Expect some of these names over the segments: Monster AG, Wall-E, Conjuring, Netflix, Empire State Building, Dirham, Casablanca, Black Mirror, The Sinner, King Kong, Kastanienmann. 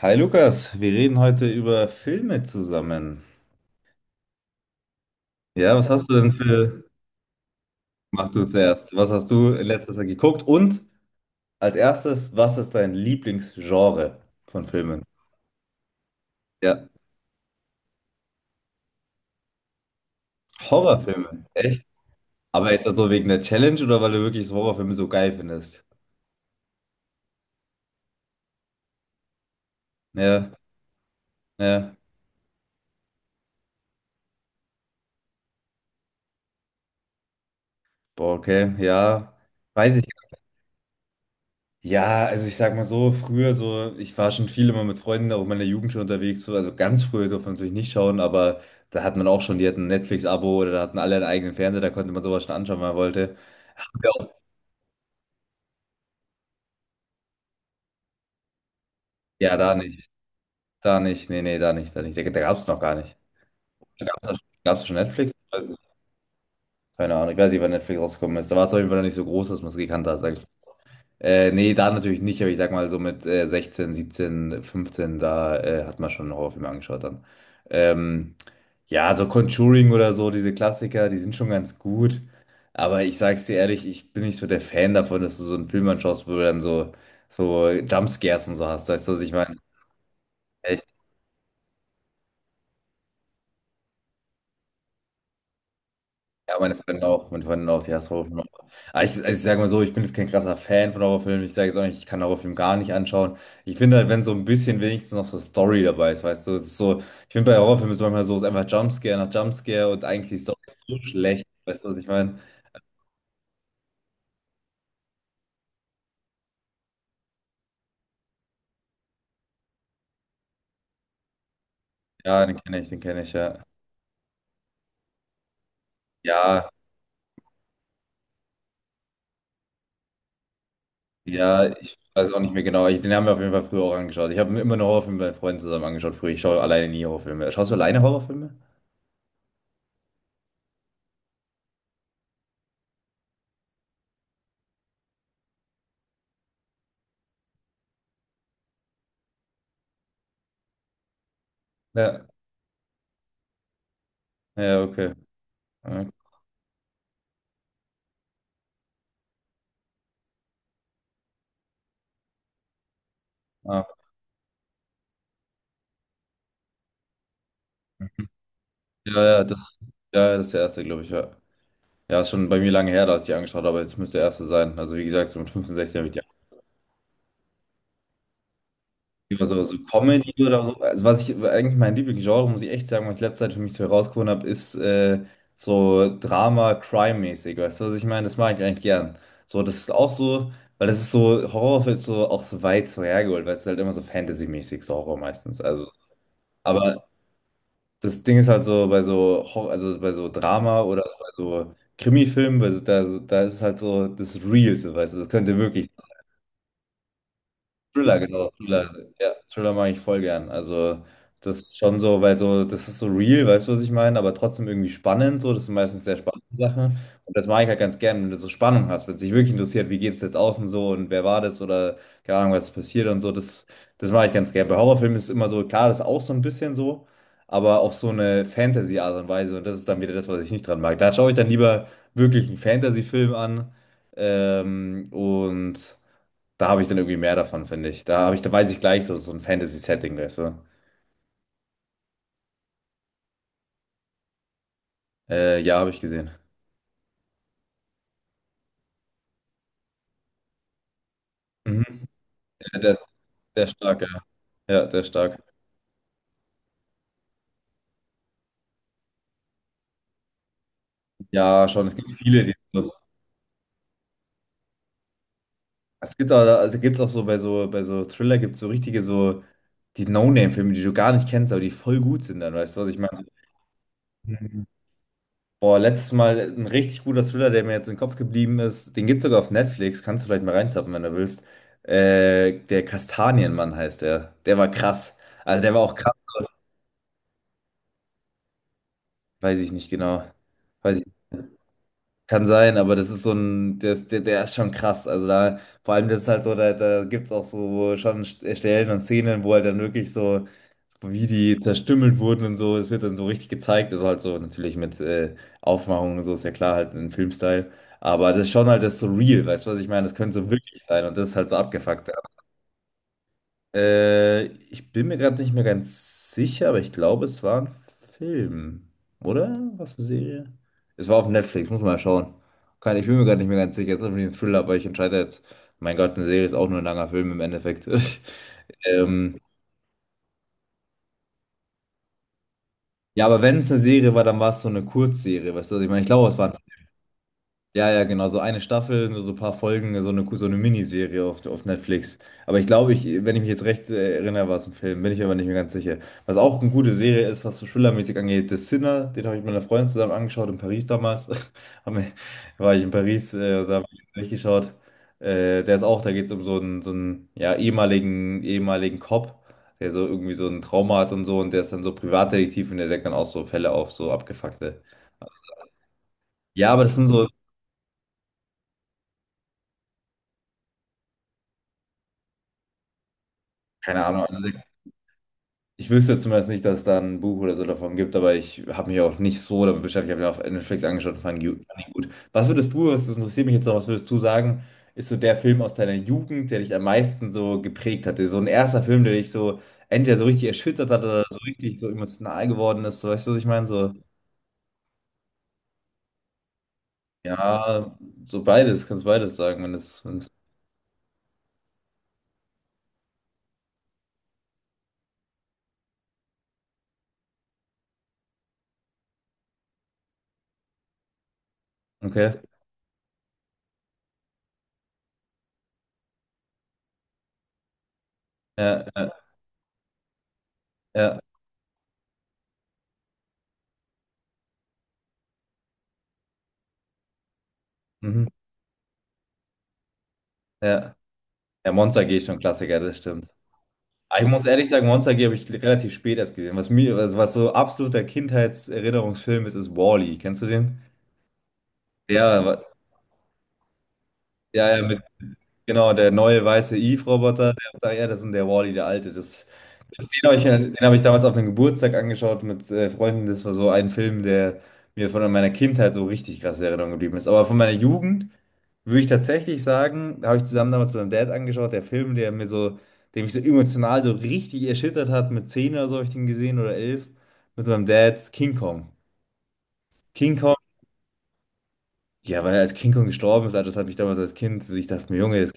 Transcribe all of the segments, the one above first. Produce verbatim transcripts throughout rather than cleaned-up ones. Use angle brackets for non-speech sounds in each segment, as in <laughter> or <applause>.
Hi Lukas, wir reden heute über Filme zusammen. Ja, was hast du denn für... Mach du zuerst. Was hast du in letzter Zeit geguckt? Und als erstes, was ist dein Lieblingsgenre von Filmen? Ja, Horrorfilme. Echt? Aber jetzt also wegen der Challenge oder weil du wirklich so Horrorfilme so geil findest? Ja, ja. Boah, okay, ja. Weiß ich. Ja, also ich sag mal so, früher so, ich war schon viel immer mit Freunden auch in meiner Jugend schon unterwegs, so, also ganz früher durfte man natürlich nicht schauen, aber da hat man auch schon, die hatten ein Netflix-Abo oder da hatten alle einen eigenen Fernseher, da konnte man sowas schon anschauen, wenn man wollte. Ja, ja, da nicht, da nicht, nee, nee, da nicht, da nicht, da, da gab's noch gar nicht. Da gab's, da gab's schon Netflix? Keine Ahnung, ich weiß nicht, wann Netflix rausgekommen ist, da war es auf jeden Fall noch nicht so groß, dass man es gekannt hat, sag ich. Äh, nee, da natürlich nicht, aber ich sag mal so mit äh, sechzehn, siebzehn, fünfzehn, da äh, hat man schon Horrorfilme angeschaut dann. Ähm, ja, so Conjuring oder so, diese Klassiker, die sind schon ganz gut. Aber ich sag's dir ehrlich, ich bin nicht so der Fan davon, dass du so einen Film anschaust, wo du dann so, so Jumpscares und so hast, weißt du, was ich meine? Ja, meine Freundin auch, meine Freundin auch, die hasst Horrorfilme auch. Aber ich, also ich sage mal so, ich bin jetzt kein krasser Fan von Horrorfilmen. Ich sage jetzt auch nicht, ich kann Horrorfilme gar nicht anschauen. Ich finde halt, wenn so ein bisschen wenigstens noch so Story dabei ist, weißt du, das ist so, ich finde bei Horrorfilmen ist es manchmal so, es ist einfach Jumpscare nach Jumpscare und eigentlich die Story ist so schlecht, weißt du, was ich meine? Ja, den kenne ich, den kenne ich, ja. Ja, ja, ich weiß auch nicht mehr genau. Ich, den haben wir auf jeden Fall früher auch angeschaut. Ich habe mir immer nur Horrorfilme bei Freunden zusammen angeschaut früher. Ich schaue alleine nie Horrorfilme. Schaust du alleine Horrorfilme? Ja, ja, okay. Ja. Ah, okay. Ja, ja, das, ja, ja, das ist der erste, glaube ich, ja. Ja, ist schon bei mir lange her, dass ich die angeschaut habe, aber jetzt müsste der erste sein. Also, wie gesagt, so mit fünfzehn sechzehn habe ich die angeschaut. Also, so Comedy oder so. Also, was ich eigentlich mein Lieblingsgenre, muss ich echt sagen, was ich letzte Zeit für mich so herausgefunden habe, ist äh, so Drama, Crime-mäßig. Weißt du, was ich meine? Das mag ich eigentlich gern. So, das ist auch so, weil das ist so, Horror ist so auch so weit so hergeholt, weil es ist halt immer so Fantasy-mäßig, so Horror meistens. Also, aber das Ding ist halt so bei so Hor- also bei so Drama oder bei so Krimi-Filmen, weil so, da, so, da ist es halt so, das ist real, so weißt du, das könnte wirklich. Thriller, genau, Thriller, ja, Thriller mag ich voll gern. Also, das ist schon so, weil so, das ist so real, weißt du, was ich meine, aber trotzdem irgendwie spannend, so, das sind meistens sehr spannende Sachen. Und das mag ich halt ganz gern, wenn du so Spannung hast, wenn es dich wirklich interessiert, wie geht es jetzt außen so und wer war das oder keine Ahnung, was ist passiert und so, das, das mag ich ganz gern. Bei Horrorfilmen ist es immer so, klar, das ist auch so ein bisschen so, aber auf so eine Fantasy-Art und Weise und das ist dann wieder das, was ich nicht dran mag. Da schaue ich dann lieber wirklich einen Fantasy-Film an, ähm, und. Da habe ich dann irgendwie mehr davon, finde ich. Da habe ich, da weiß ich gleich so, so ein Fantasy-Setting, weißt du. Äh, ja, habe ich gesehen. Mhm. Ja, der, der ist stark, ja. Ja, der ist stark. Ja, schon. Es gibt viele, die so. Es gibt auch, also gibt's auch so bei so, bei so Thriller gibt es so richtige so die No-Name-Filme, die du gar nicht kennst, aber die voll gut sind dann, weißt du, was ich meine? Mhm. Boah, letztes Mal ein richtig guter Thriller, der mir jetzt im Kopf geblieben ist. Den gibt es sogar auf Netflix. Kannst du vielleicht mal reinzappen, wenn du willst. Äh, der Kastanienmann heißt der. Der war krass. Also der war auch krass. Weiß ich nicht genau. Weiß ich. Kann sein, aber das ist so ein, der, ist- der, der ist schon krass. Also da, vor allem das ist halt so, da, da gibt es auch so schon Stellen und Szenen, wo halt dann wirklich so, wie die zerstümmelt wurden und so, es wird dann so richtig gezeigt. Also halt so natürlich mit äh, Aufmachung und so, ist ja klar, halt in Filmstyle. Aber das ist schon halt das so real, weißt du, was ich meine? Das könnte so wirklich sein und das ist halt so abgefuckt. Äh, ich bin mir gerade nicht mehr ganz sicher, aber ich glaube, es war ein Film. Oder? Was eine Serie? Es war auf Netflix, muss man mal schauen. Kann, ich bin mir gerade nicht mehr ganz sicher. Es ist irgendwie ein Thriller, aber ich entscheide jetzt. Mein Gott, eine Serie ist auch nur ein langer Film im Endeffekt. <laughs> Ähm, ja, aber wenn es eine Serie war, dann war es so eine Kurzserie, weißt du, was ich meine? Ich glaube, es war ein. Ja, ja, genau, so eine Staffel, nur so ein paar Folgen, so eine, so eine Miniserie auf, auf Netflix. Aber ich glaube, ich, wenn ich mich jetzt recht äh, erinnere, war es ein Film, bin ich aber nicht mehr ganz sicher. Was auch eine gute Serie ist, was so thrillermäßig angeht, The Sinner, den habe ich mit einer Freundin zusammen angeschaut in Paris damals. <laughs> Haben wir- war ich in Paris, äh, da habe ich durchgeschaut. Äh, der ist auch, da geht es um so einen, so einen ja, ehemaligen, ehemaligen Cop, der so irgendwie so ein Trauma hat und so und der ist dann so Privatdetektiv und der deckt dann auch so Fälle auf, so abgefuckte. Ja, aber das sind so, keine Ahnung, also ich wüsste zumindest nicht, dass es da ein Buch oder so davon gibt, aber ich habe mich auch nicht so damit beschäftigt. Ich habe mir auf Netflix angeschaut und fand ihn gut, fand ihn gut. Was würdest du, das interessiert mich jetzt noch, was würdest du sagen, ist so der Film aus deiner Jugend, der dich am meisten so geprägt hatte? So ein erster Film, der dich so entweder so richtig erschüttert hat oder so richtig so emotional geworden ist. So, weißt du, was ich meine? So, ja, so beides, kannst beides sagen, wenn es, wenn es, okay. Ja, ja, ja, mhm, ja. Ja, Monster G ist schon ein Klassiker, das stimmt. Ah, ich muss ehrlich sagen, Monster A G habe ich relativ spät erst gesehen. Was mir, was, was so absoluter Kindheitserinnerungsfilm ist, ist Wall-E. Kennst du den? Ja, wa- ja, ja, mit, genau, der neue weiße Eve-Roboter. Der, ja, das ist der Wall-E, der alte. Das, den habe ich, mir- den habe ich damals auf einem Geburtstag angeschaut mit äh, Freunden. Das war so ein Film, der mir von meiner Kindheit so richtig krass in Erinnerung geblieben ist. Aber von meiner Jugend würde ich tatsächlich sagen, da habe ich zusammen damals mit meinem Dad angeschaut, der Film, der mir so, der mich so emotional so richtig erschüttert hat, mit zehn oder so habe ich den gesehen oder elf, mit meinem Dad, King Kong. King Kong, ja, weil er als King Kong gestorben ist, Alter, das hat mich damals als Kind, ich dachte mir, Junge, das,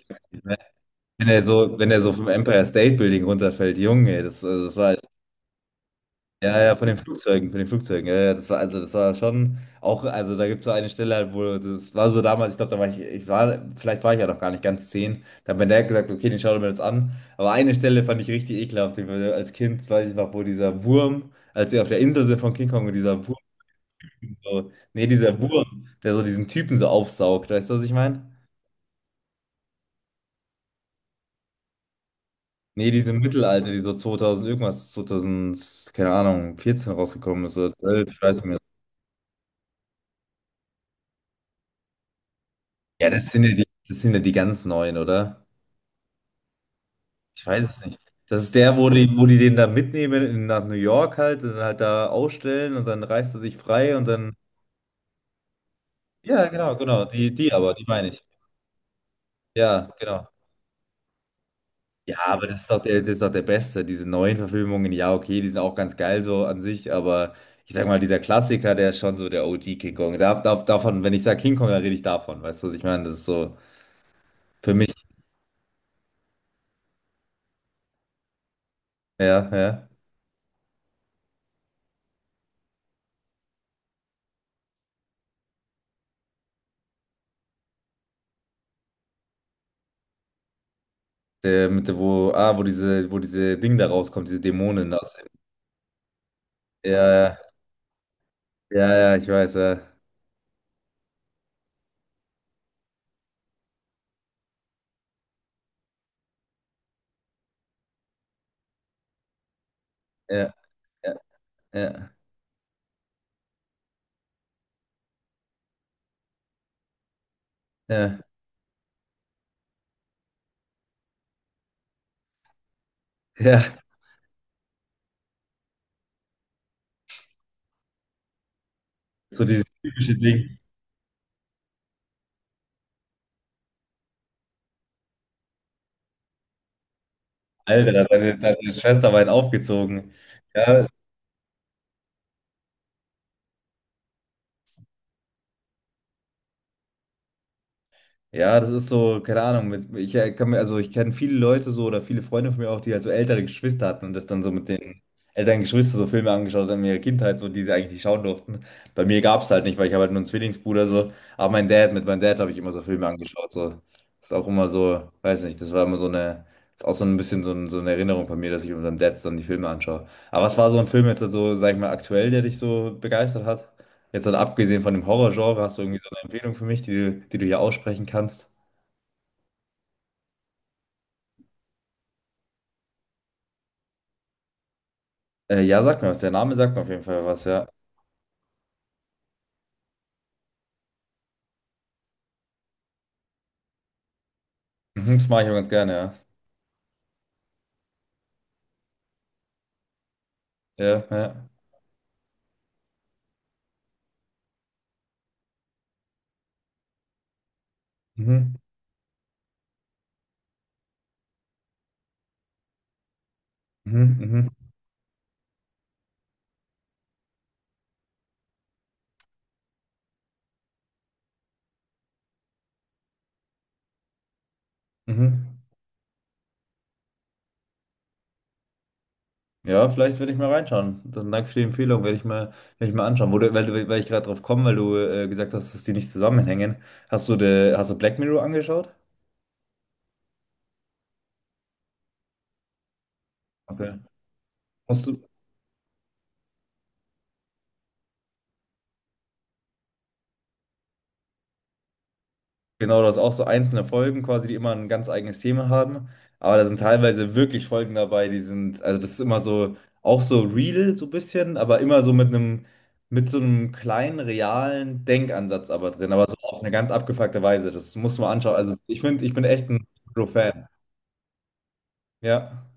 wenn er so, wenn er so vom Empire State Building runterfällt, Junge, das, also das war. Ja, ja, von den Flugzeugen, von den Flugzeugen. Ja, ja, das war, also das war schon auch, also da gibt es so eine Stelle, halt, wo das war so damals, ich glaube, da war ich, ich war, vielleicht war ich ja noch gar nicht ganz zehn. Da hat mein Dad gesagt, okay, den schauen wir uns an. Aber eine Stelle fand ich richtig ekelhaft, die war- als Kind weiß ich noch, wo dieser Wurm, als sie auf der Insel sind von King Kong und dieser Wurm, so, nee, dieser Wurm, der so diesen Typen so aufsaugt, weißt du, was ich meine? Nee, diese Mittelalter, die so zweitausend irgendwas, zweitausend, keine Ahnung, vierzehn rausgekommen ist oder zwölf, ich weiß nicht mehr. Ja, das sind ja die, das sind ja die ganz neuen, oder? Ich weiß es nicht. Das ist der, wo die, wo die den da mitnehmen in, nach New York halt und dann halt da ausstellen und dann reißt er sich frei und dann. Ja, genau, genau. Die, die aber, die meine ich. Ja, genau. Ja, aber das ist doch der, das ist doch der Beste. Diese neuen Verfilmungen, ja, okay, die sind auch ganz geil so an sich, aber ich sag mal, dieser Klassiker, der ist schon so der O G King Kong. Da, da, davon, wenn ich sage King Kong, dann rede ich davon. Weißt du, was ich meine? Das ist so für mich. Ja, ja. Der mit der, wo, ah, wo diese, wo diese Ding da rauskommt, diese Dämonen aus dem. Ja, ja, ja, ja, ich weiß, ja. Ja, ja, ja, ja, ja. So dieses typische Ding. Alter, da hat deine, deine Schwester war einen aufgezogen. Ja, ja, das ist so, keine Ahnung, mit, ich äh, kann mir, also ich kenne viele Leute so oder viele Freunde von mir auch, die halt so ältere Geschwister hatten und das dann so mit den älteren Geschwistern so Filme angeschaut haben in ihrer Kindheit, so die sie eigentlich nicht schauen durften. Bei mir gab es halt nicht, weil ich habe halt nur einen Zwillingsbruder so, aber mein Dad, mit meinem Dad habe ich immer so Filme angeschaut, so. Das ist auch immer so, weiß nicht, das war immer so eine, das ist auch so ein bisschen so, ein, so eine Erinnerung von mir, dass ich mit meinem Dad dann die Filme anschaue. Aber was war so ein Film jetzt halt so, sag ich mal, aktuell, der dich so begeistert hat? Jetzt halt abgesehen von dem Horrorgenre, hast du irgendwie Empfehlung für mich, die, du- die du hier aussprechen kannst. Äh, ja, sag mir was. Der Name sagt mir auf jeden Fall was, ja. Mhm, das mache ich auch ganz gerne, ja. Ja, ja. Mhm, mhm, mhm, mhm. Ja, vielleicht werde ich mal reinschauen. Dann danke für die Empfehlung, werde ich mal, werde ich mal anschauen. Wo du, weil, du- weil ich gerade drauf komme, weil du äh, gesagt hast, dass die nicht zusammenhängen. Hast du, de, hast du Black Mirror angeschaut? Okay. Musst du. Genau, du hast auch so einzelne Folgen quasi, die immer ein ganz eigenes Thema haben. Aber da sind teilweise wirklich Folgen dabei, die sind, also das ist immer so, auch so real so ein bisschen, aber immer so mit einem, mit so einem kleinen, realen Denkansatz aber drin, aber so auf eine ganz abgefuckte Weise. Das muss man anschauen. Also ich finde, ich bin echt ein Fan. Ja.